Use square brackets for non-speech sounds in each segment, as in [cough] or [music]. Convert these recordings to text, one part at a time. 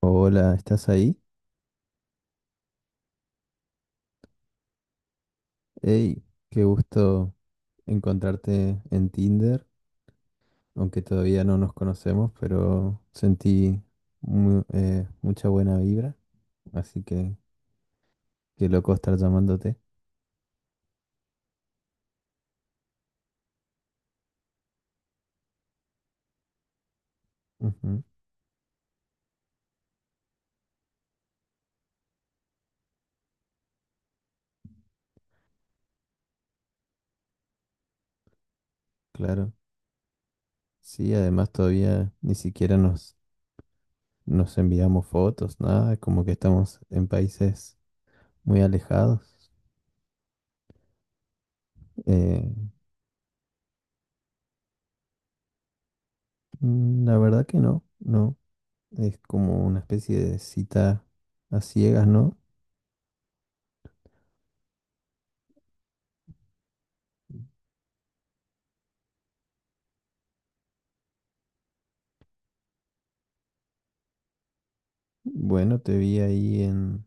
Hola, ¿estás ahí? Hey, qué gusto encontrarte en Tinder, aunque todavía no nos conocemos, pero sentí mucha buena vibra, así que qué loco estar llamándote. Ujú, claro. Sí, además todavía ni siquiera nos enviamos fotos, nada, como que estamos en países muy alejados. Eh, la verdad que no, no, es como una especie de cita a ciegas, ¿no? Bueno, te vi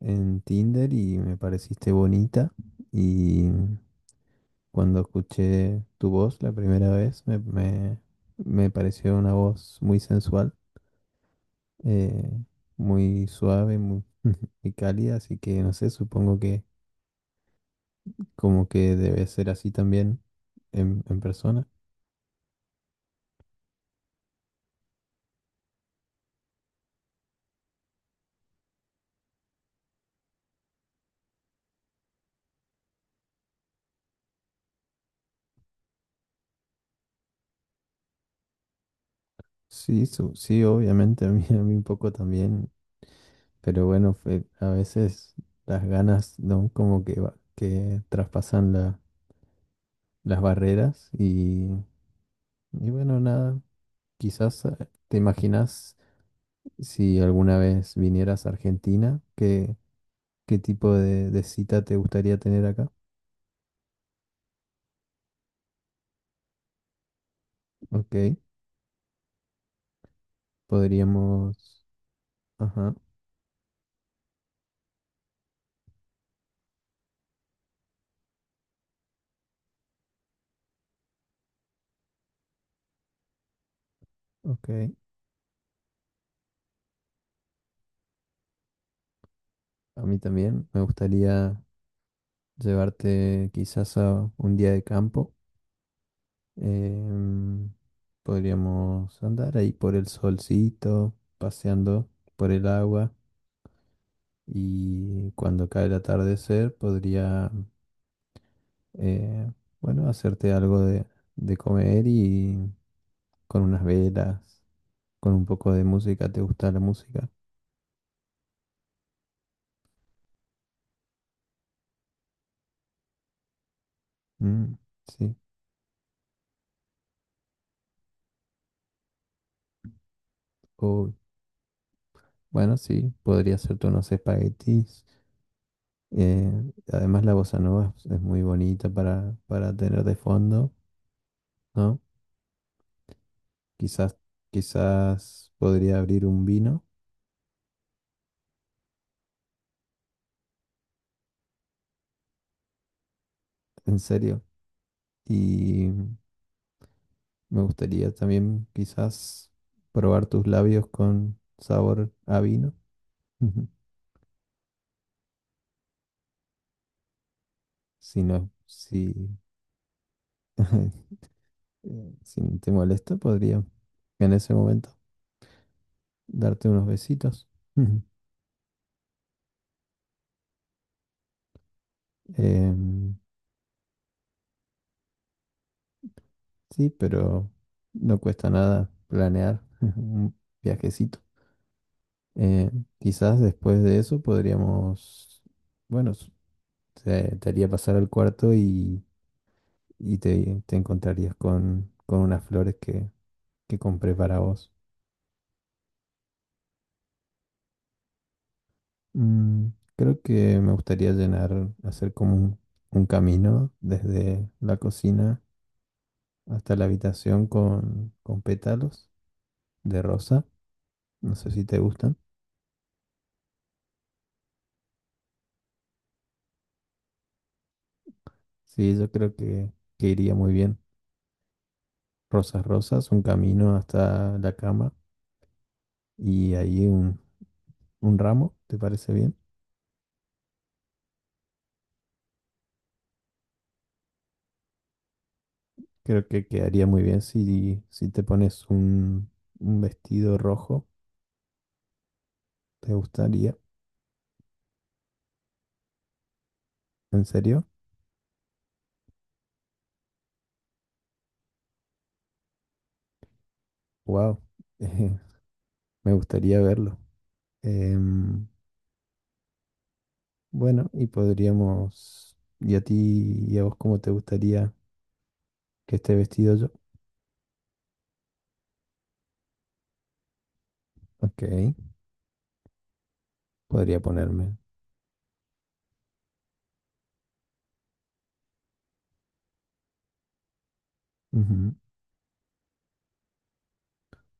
en Tinder y me pareciste bonita. Y cuando escuché tu voz la primera vez, me pareció una voz muy sensual, eh, muy suave, muy, [laughs] muy cálida. Así que no sé, supongo que como que debe ser así también en persona. Sí, sí, obviamente, a mí un poco también. Pero bueno, a veces las ganas, ¿no? Como que, que traspasan la las barreras y bueno, nada, quizás te imaginas si alguna vez vinieras a Argentina, qué tipo de cita te gustaría tener acá. Ok, podríamos, ajá, ok, a mí también me gustaría llevarte quizás a un día de campo. em, Podríamos andar ahí por el solcito, paseando por el agua. Y cuando cae el atardecer podría eh, bueno, hacerte algo de comer y con unas velas, con un poco de música. ¿Te gusta la música? Mm, sí. O, bueno, sí, podría hacerte unos espaguetis. Eh, Además, la bossa nova es muy bonita para tener de fondo, ¿no? Quizás, Quizás podría abrir un vino, en serio. Y me gustaría también quizás probar tus labios con sabor a vino. [laughs] Si no, si, [laughs] si no te molesta, podría en ese momento darte unos besitos. Ujú. Em, sí, pero no cuesta nada planear [laughs] un viajecito. Eh, Quizás después de eso podríamos, bueno, te, te haría pasar al cuarto y, te encontrarías con unas flores que compré para vos. Mm, creo que me gustaría llenar, hacer como un camino desde la cocina hasta la habitación con pétalos de rosa. No sé si te gustan. Sí, yo creo que iría muy bien. Rosas, rosas, un camino hasta la cama y ahí un ramo, ¿te parece bien? Creo que quedaría muy bien si, si te pones un vestido rojo. ¿Te gustaría? ¿En serio? Wow, [laughs] me gustaría verlo. Em, Bueno, y podríamos... ¿Y a ti y a vos cómo te gustaría que esté vestido yo? Ok, podría ponerme. Ujú.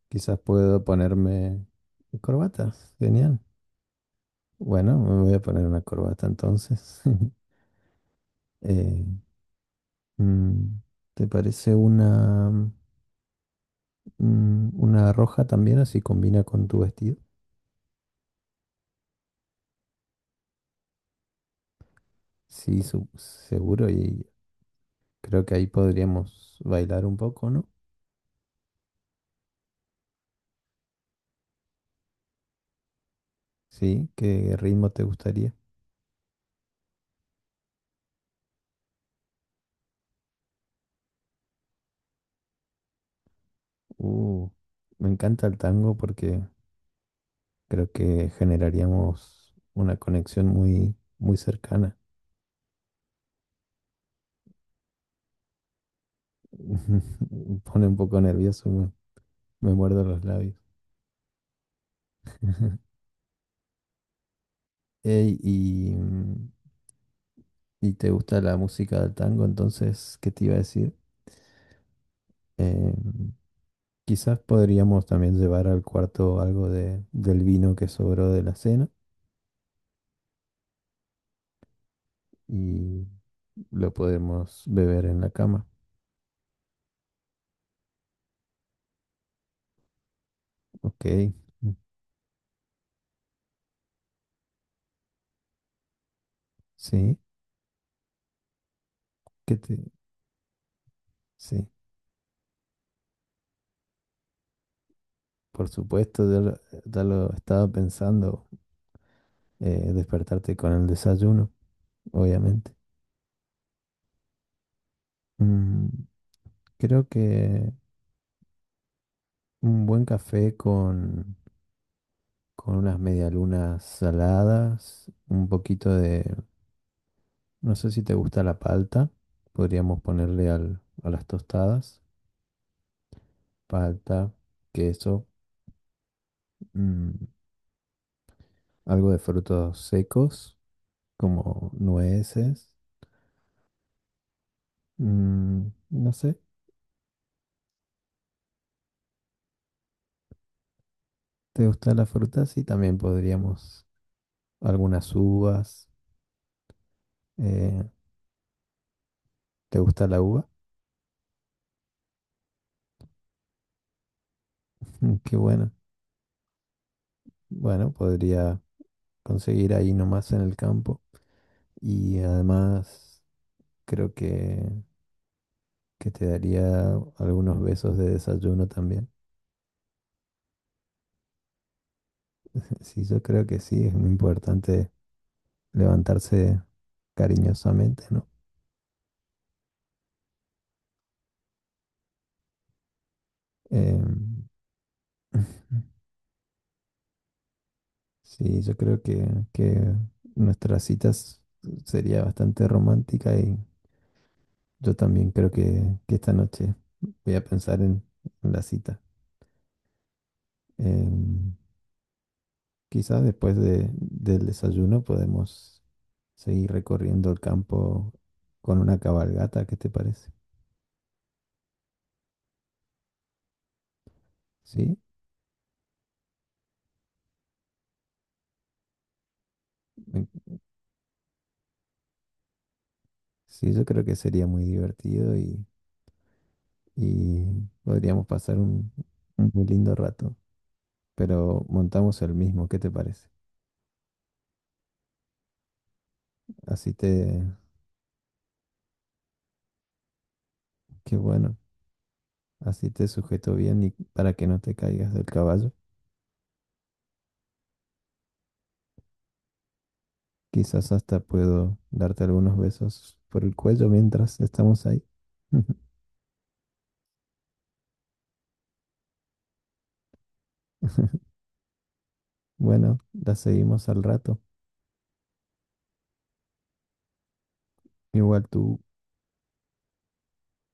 Quizás puedo ponerme corbata. Genial. Bueno, me voy a poner una corbata entonces. [laughs] Eh, mm, ¿Te parece una, mm, una roja también? Así combina con tu vestido. Sí, seguro. Y creo que ahí podríamos bailar un poco, ¿no? Sí, ¿qué ritmo te gustaría? Uh, Me encanta el tango porque creo que generaríamos una conexión muy, muy cercana. [laughs] Me pone un poco nervioso, me muerdo los labios. Ey, y, mm, y te gusta la música del tango, entonces, ¿qué te iba a decir? Eh, Quizás podríamos también llevar al cuarto algo de, del vino que sobró de la cena y lo podemos beber en la cama. Ok, sí, ¿qué te...? Sí. Por supuesto, ya lo estaba pensando, despertarte con el desayuno, obviamente. Mm, creo que un buen café con unas medialunas saladas, un poquito de, no sé si te gusta la palta, podríamos ponerle a las tostadas, palta, queso, mm, algo de frutos secos, como nueces, mm, no sé. ¿Te gusta la fruta? Sí, también podríamos algunas uvas. eh, ¿Te gusta la uva? Mm, qué bueno. Bueno, podría conseguir ahí nomás en el campo. Y además creo que te daría algunos besos de desayuno también. [laughs] Sí, yo creo que sí, es muy importante levantarse cariñosamente, ¿no? Em, [laughs] sí, yo creo que nuestras citas sería bastante romántica y yo también creo que esta noche voy a pensar en la cita. Em, Quizá del desayuno podemos seguir recorriendo el campo con una cabalgata, ¿qué te parece? Sí, me- sí, yo creo que sería muy divertido y podríamos pasar un muy lindo rato, pero montamos el mismo, ¿qué te parece? Así te, Qué bueno, así te sujeto bien y para que no te caigas del caballo. Quizás hasta puedo darte algunos besos por el cuello mientras estamos ahí. [laughs] Bueno, la seguimos al rato. Igual tú.